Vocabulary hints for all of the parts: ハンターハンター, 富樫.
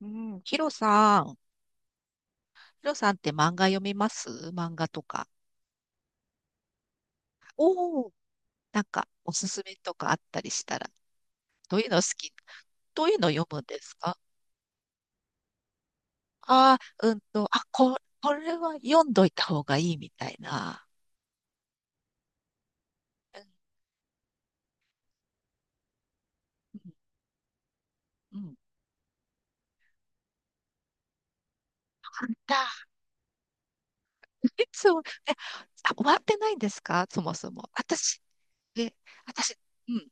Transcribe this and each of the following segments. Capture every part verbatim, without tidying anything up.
うん、ヒロさん、ヒロさんって漫画読みます？漫画とか。おお、なんかおすすめとかあったりしたら、どういうの好き？どういうの読むんですか？ああー、うんと、あ、こ、これは読んどいた方がいいみたいな。うん、うん、うん、あった。そう。え、あ、終わってないんですかそもそも？私、え、私、うん、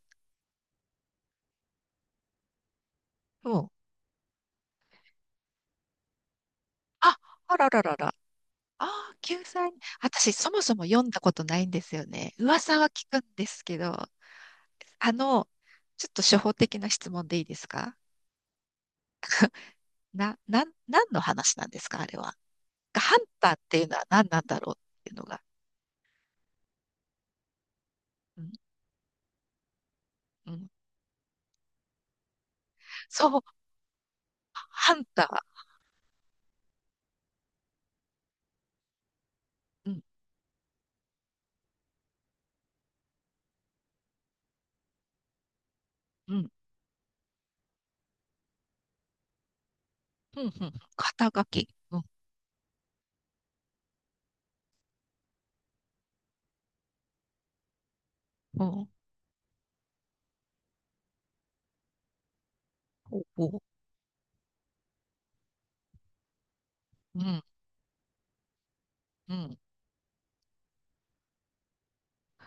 うん。あ、あららららああ、救済。私、そもそも読んだことないんですよね。噂は聞くんですけど、あの、ちょっと初歩的な質問でいいですか？ な、なん、何の話なんですか、あれは。ハンターっていうのは何なんだろうっていうのが。うん、うん、そう、ハンター。うん、うん、うん、うん。肩書き。うん、うん、ほうほう。うん、うん。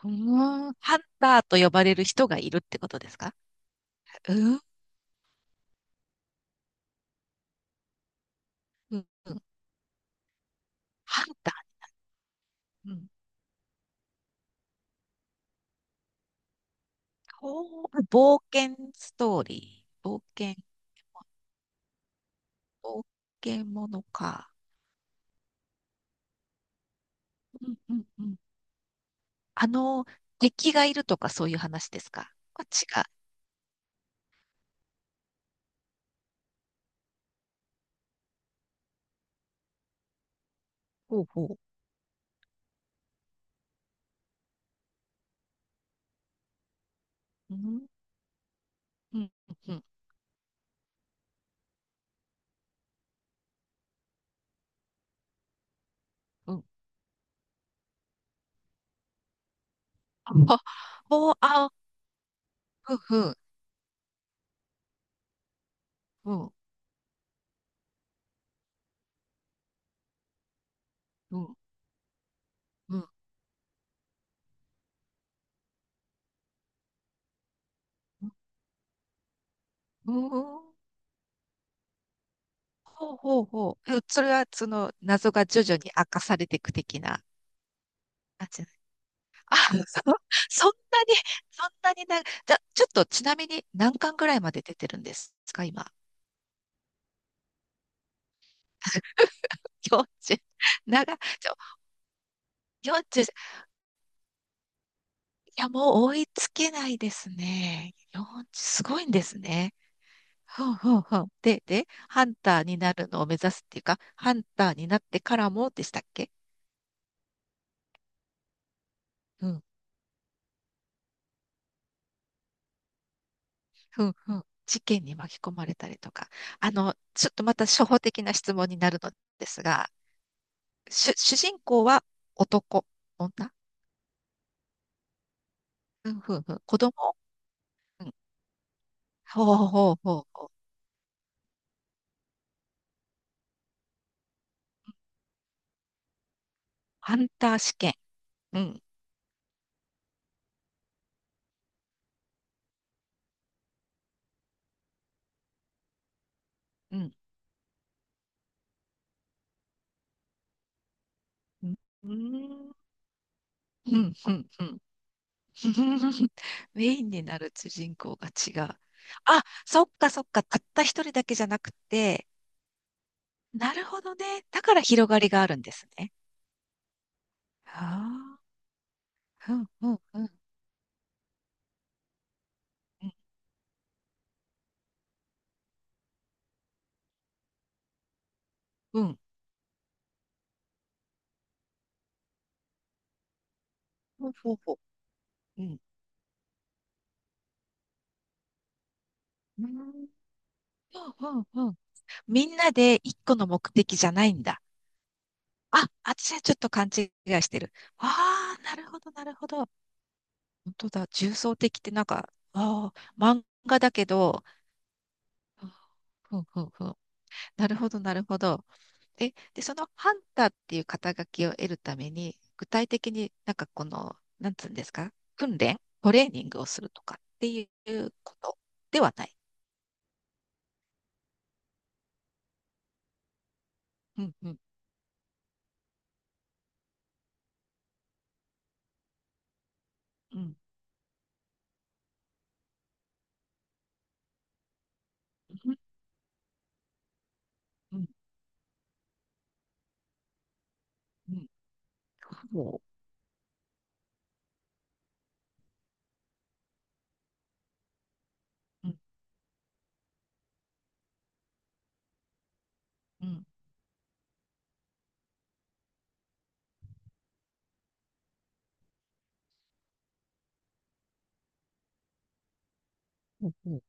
うーん、ハンターと呼ばれる人がいるってことですか？うん、うん、うん、ハンター。おう、冒険ストーリー。冒険、冒険ものか。うんうんうん。あの、敵がいるとかそういう話ですか？あ、違う。ほうほう。うん、うん、うん、うん。あ、ほう、あ、ふんふん、うん、うん、うん、うん。ほうほうほう。え、それは、その、謎が徐々に明かされていく的な感じ？あ、そ、そんなに、そんなにな、じゃ、ちょっとちなみに何巻ぐらいまで出てるんですか、今？よんじゅう、長、ちょ、よんじゅう、いや、もう追いつけないですね。よんじゅう、すごいんですね。ふんふんふん。で、で、ハンターになるのを目指すっていうか、ハンターになってからもでしたっけ？うん、ふんふん。事件に巻き込まれたりとか。あの、ちょっとまた初歩的な質問になるのですが、主、主人公は男、女？うんふんふん。子供？うん。ほうほうほうほうほう。ハンター試験。うん。うん。うん。うん。うん。うん。うん。 メインになる主人公が違う。あ、そっかそっか。たった一人だけじゃなくて。なるほどね。だから広がりがあるんですね。ああ。うん。うん。うん。うん。うん、ほうほうほう。うん。うん。うん。うん。うん、みんなで一個の目的じゃないんだ。あ、私はちょっと勘違いしてる。ああ、なるほど、なるほど。本当だ、重層的ってなんか、ああ、漫画だけど、ふんふんふん。なるほど、なるほど。え、で、そのハンターっていう肩書きを得るために、具体的になんかこの、なんつうんですか、訓練、トレーニングをするとかっていうことではない？うんうんうん。うんうんうん。ほう。うんうん。ほうほう、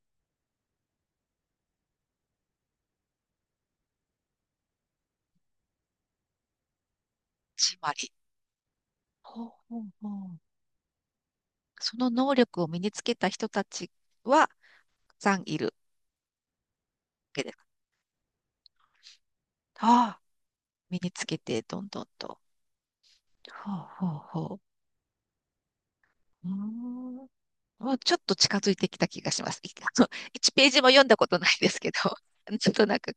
つまり。ほうほうほう。その能力を身につけた人たちは、たくさんいるわけです？ああ、身につけて、どんどんと。ほうほうほう。うーん。もうちょっと近づいてきた気がします。い、いちページページも読んだことないですけど、ちょっとなんか、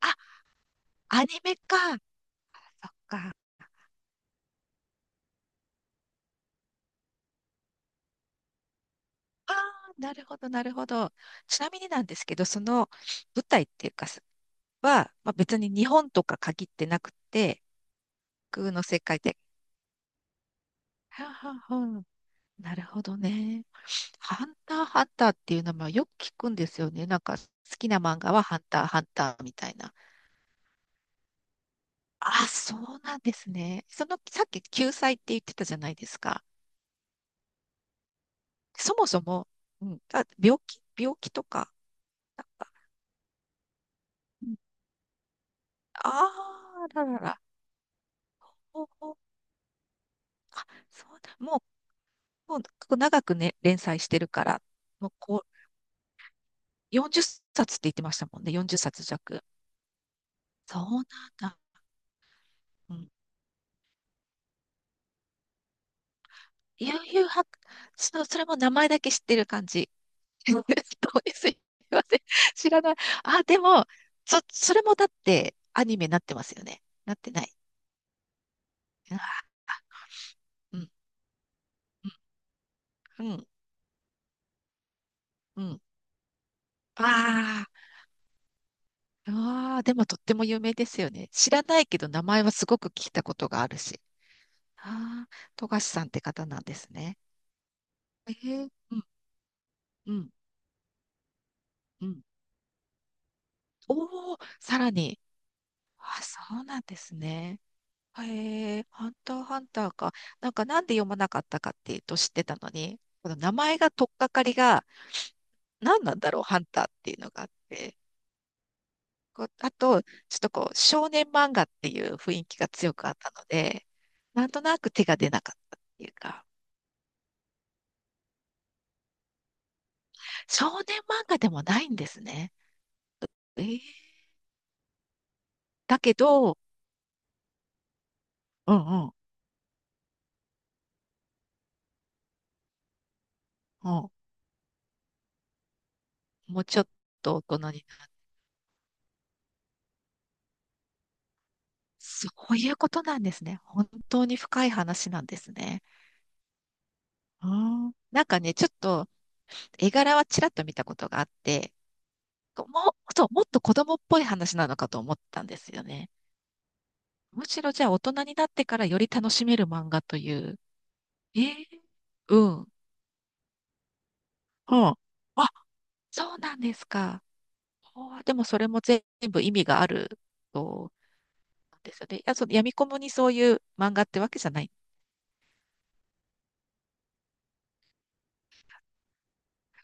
あ、アニメか。そっか。ああ、なるほど、なるほど。ちなみになんですけど、その舞台っていうか、は、まあ、別に日本とか限ってなくて、空の世界で。はあはあはあ、なるほどね。ハンターハンターっていう名前よく聞くんですよね。なんか好きな漫画はハンターハンターみたいな。あ、そうなんですね。その、さっき救済って言ってたじゃないですか。そもそも、うん、あ、病気、病気とか、なんか、うん、あーららら、ほうほう、あ、そうだ、もう、もうこう長くね、連載してるから、もうこう、40冊っさつって言ってましたもんね、よんじゅっさつ弱。そうなんだ。うん。悠々白、そう、それも名前だけ知ってる感じ。そうです、すいません。知らない。あ、でも、そ、それもだってアニメになってますよね。なってない？あ、うん、うん、うん。うん、あー、あー、でもとっても有名ですよね。知らないけど名前はすごく聞いたことがあるし。ああ、富樫さんって方なんですね。えー、うん、うん、うん。おお、さらに。あ、そうなんですね。へえ、ハンターハンターか。なんかなんで読まなかったかっていうと、知ってたのに、この名前が取っかかりが何なんだろう、ハンターっていうのがあって。こう、あと、ちょっとこう、少年漫画っていう雰囲気が強くあったので、なんとなく手が出なかったっていうか、少年漫画でもないんですね。えー、だけど、うん、うん、うん、もうちょっと大人になる。そういうことなんですね。本当に深い話なんですね。ああ、なんかね、ちょっと絵柄はちらっと見たことがあって、こうもっと、もっと子供っぽい話なのかと思ったんですよね。むしろじゃあ大人になってからより楽しめる漫画という。えー、うん。はあ、あ、そうなんですか。はあ、でもそれも全部意味があると、なんですよね。いや、その闇雲にそういう漫画ってわけじゃない。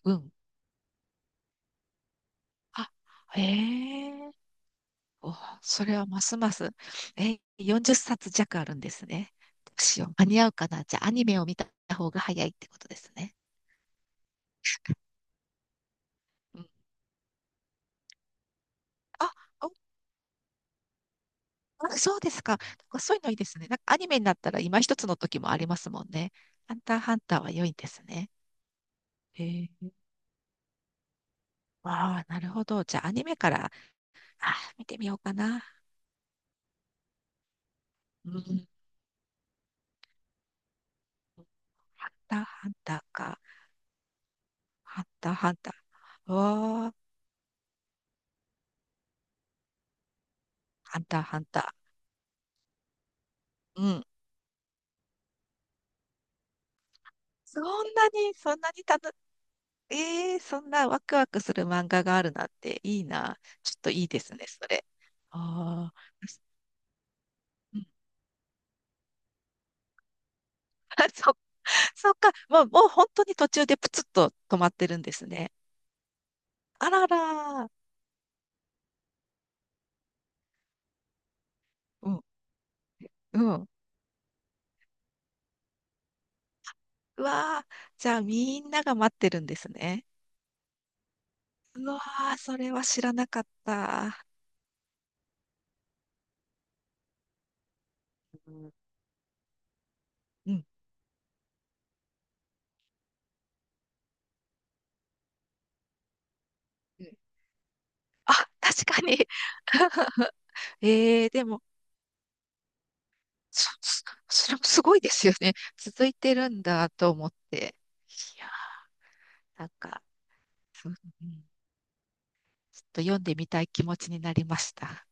うん。あ、へえ、お、それはますます。え、よんじゅっさつ弱あるんですね。どうしよう。間に合うかな。じゃあ、アニメを見た方が早いってことですね。うん、あ、お、あ、そうですか。なんかそういうのいいですね。なんかアニメになったら今一つの時もありますもんね。ハンターハンターは良いですね。へえ。ああ、なるほど。じゃあ、アニメから、あ、見てみようかな。うん。ハンターハンターか。ハンターハンター。わあ、ハンターハンター。うん。そんなに、そんなに楽、ええ、そんなワクワクする漫画があるなんていいな。ちょっといいですね、それ。ああ、うん。 そ、そっか。もうもう本当に途中でプツッと止まってるんですね。あらら。うん、うん。うわあ、じゃあみんなが待ってるんですね。うわあ、それは知らなかった。うん、うん。うん、あ、確かに。ええでも、そ、そそれもすごいですよね。続いてるんだと思って。いや、なんか、そうね、ちょっと読んでみたい気持ちになりました。